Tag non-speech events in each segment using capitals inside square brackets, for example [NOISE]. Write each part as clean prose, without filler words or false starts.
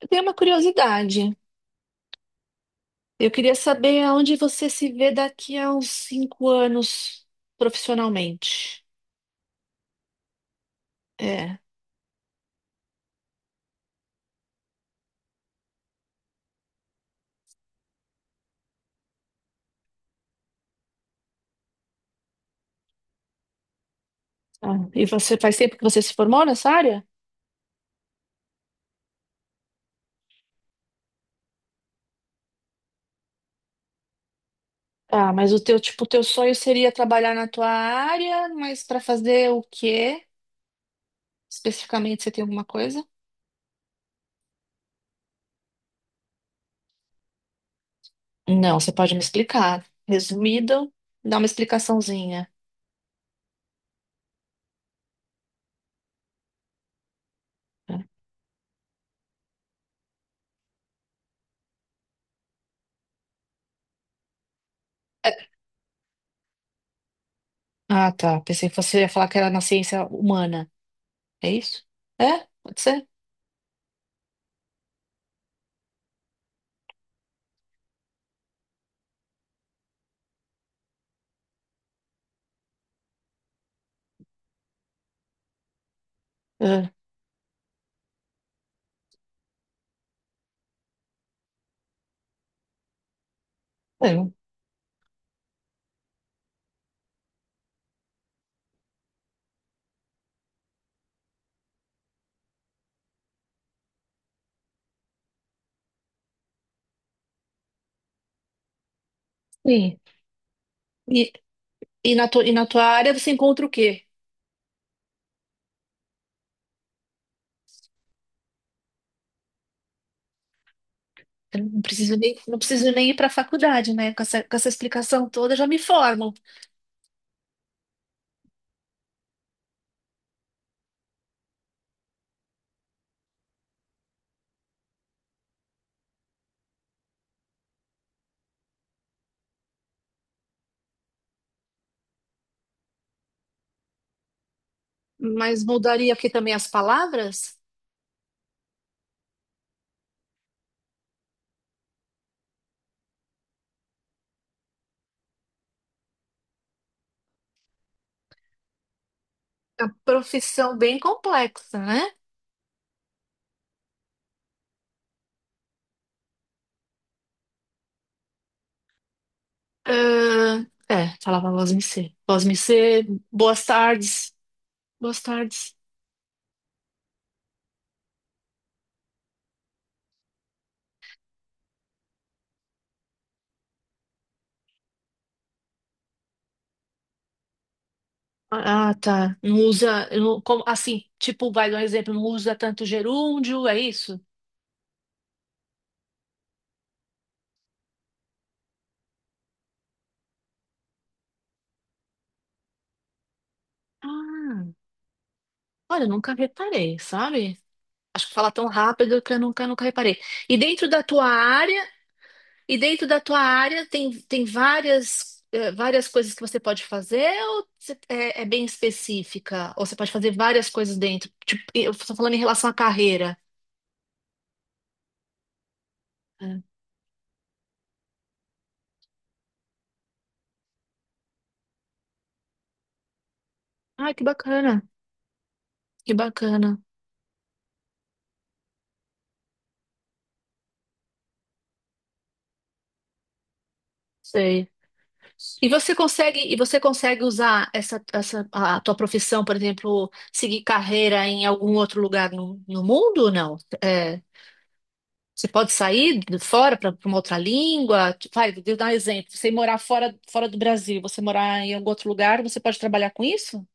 Eu tenho uma curiosidade. Eu queria saber aonde você se vê daqui a uns 5 anos profissionalmente. É. Ah, e você faz tempo que você se formou nessa área? Ah, mas o teu, tipo, o teu sonho seria trabalhar na tua área, mas para fazer o quê? Especificamente, você tem alguma coisa? Não, você pode me explicar. Resumido, dá uma explicaçãozinha. É. É. Ah, tá. Pensei que você ia falar que era na ciência humana. É isso? É? Pode ser? É. É. Sim. E, E na tua área você encontra o quê? Eu não preciso nem ir para a faculdade, né? Com essa explicação toda já me formam. Mas mudaria aqui também as palavras? É uma profissão bem complexa, né? Ah, é, falava voz me ser. Voz me ser, boas tardes. Boas tardes. Ah, tá. Não usa, como, assim, tipo, vai dar um exemplo, não usa tanto gerúndio, é isso? Ah, olha, eu nunca reparei, sabe? Acho que fala tão rápido que eu nunca, nunca reparei. E dentro da tua área, e dentro da tua área tem várias coisas que você pode fazer ou é bem específica? Ou você pode fazer várias coisas dentro? Tipo, eu estou falando em relação à carreira. É. Ah, que bacana, que bacana. Sei. E você consegue usar essa a tua profissão, por exemplo, seguir carreira em algum outro lugar no mundo ou não? É. Você pode sair de fora para uma outra língua? Tipo, vai, vou dar um exemplo. Você morar fora, fora do Brasil, você morar em algum outro lugar, você pode trabalhar com isso?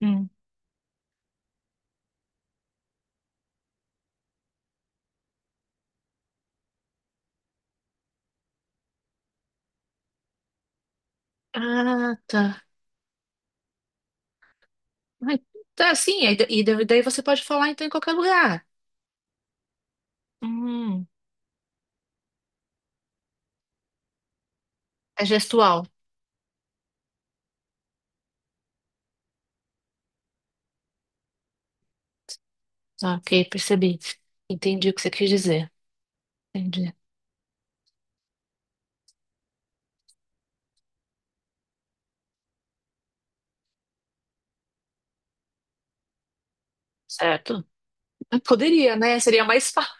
Hum. Ah, tá. Ai, tá, sim. aí da- E da- Daí você pode falar então em qualquer lugar. Hum. É gestual. Ah, ok, percebi. Entendi o que você quis dizer. Entendi. Certo? Poderia, né? Seria mais [LAUGHS] fácil.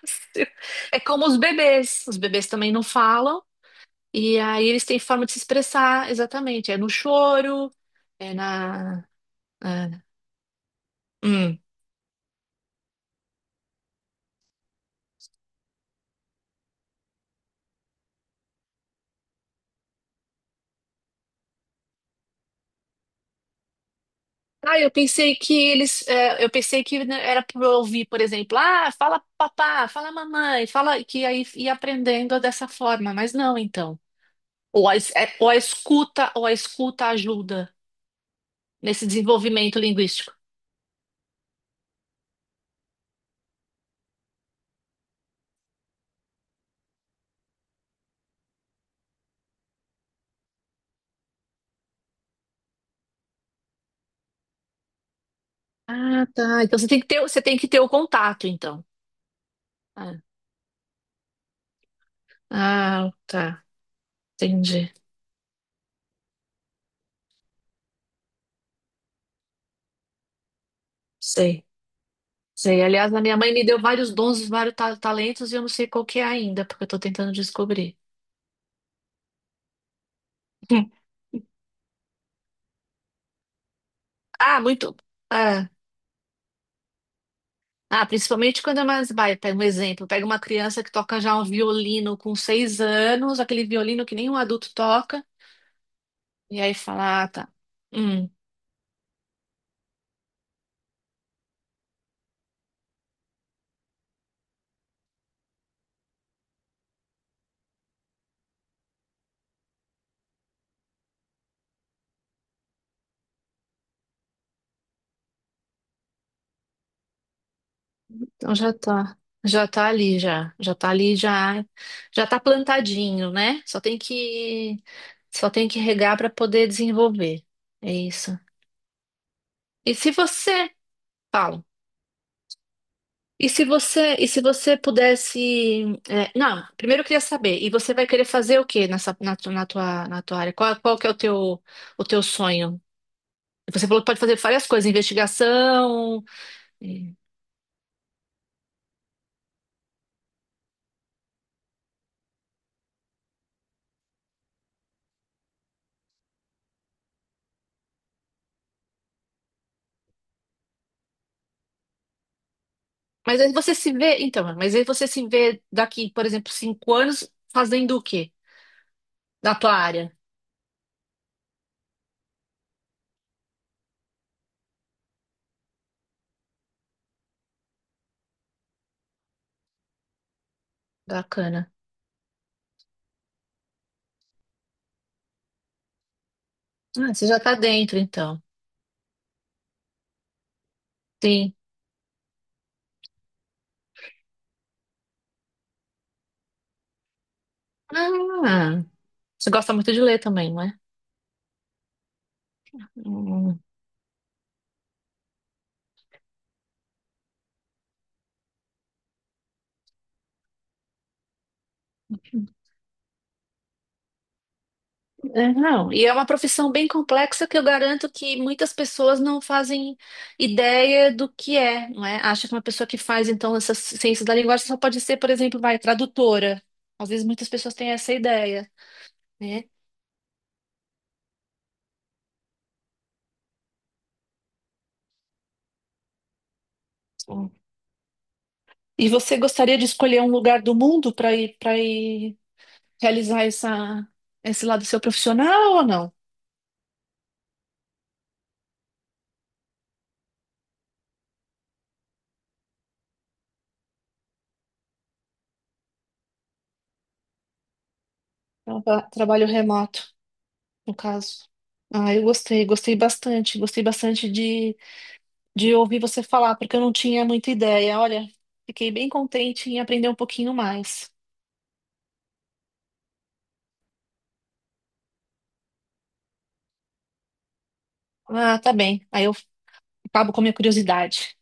É como os bebês. Os bebês também não falam. E aí eles têm forma de se expressar, exatamente. É no choro, é na. Ah, hum. Ah, eu pensei que, né, era para ouvir, por exemplo, ah, fala papá, fala mamãe, fala que aí ia aprendendo dessa forma, mas não, então. Ou a escuta ajuda nesse desenvolvimento linguístico. Ah, tá. Então você tem que ter o contato, então. Ah, ah, tá. Entendi. Sei. Sei, aliás, a minha mãe me deu vários dons, vários talentos e eu não sei qual que é ainda, porque eu tô tentando descobrir. [LAUGHS] Ah, muito. Ah, ah, principalmente quando é mais vai, pega um exemplo, pega uma criança que toca já um violino com 6 anos, aquele violino que nenhum adulto toca, e aí fala, ah, tá. Hum, então já tá. Já tá ali, já. Já tá ali, já. Já tá plantadinho, né? Só tem que. Só tem que regar para poder desenvolver. É isso. E se você. Fala. E se você pudesse, é, não, primeiro eu queria saber, e você vai querer fazer o quê nessa, na, tu- na tua área? Qual que é o teu sonho? Você falou que pode fazer várias coisas, investigação, é, mas aí você se vê daqui, por exemplo, 5 anos fazendo o quê? Na tua área? Bacana. Ah, você já tá dentro, então. Sim. Ah, você gosta muito de ler também, não é? Hum. É, não, e é uma profissão bem complexa que eu garanto que muitas pessoas não fazem ideia do que é, não é? Acha que uma pessoa que faz, então, essas ciências da linguagem só pode ser, por exemplo, vai, tradutora. Às vezes muitas pessoas têm essa ideia, né? Sim. E você gostaria de escolher um lugar do mundo para ir, realizar esse lado seu profissional ou não? Trabalho remoto, no caso. Ah, eu gostei bastante de ouvir você falar, porque eu não tinha muita ideia. Olha, fiquei bem contente em aprender um pouquinho mais. Ah, tá bem. Aí eu acabo com a minha curiosidade.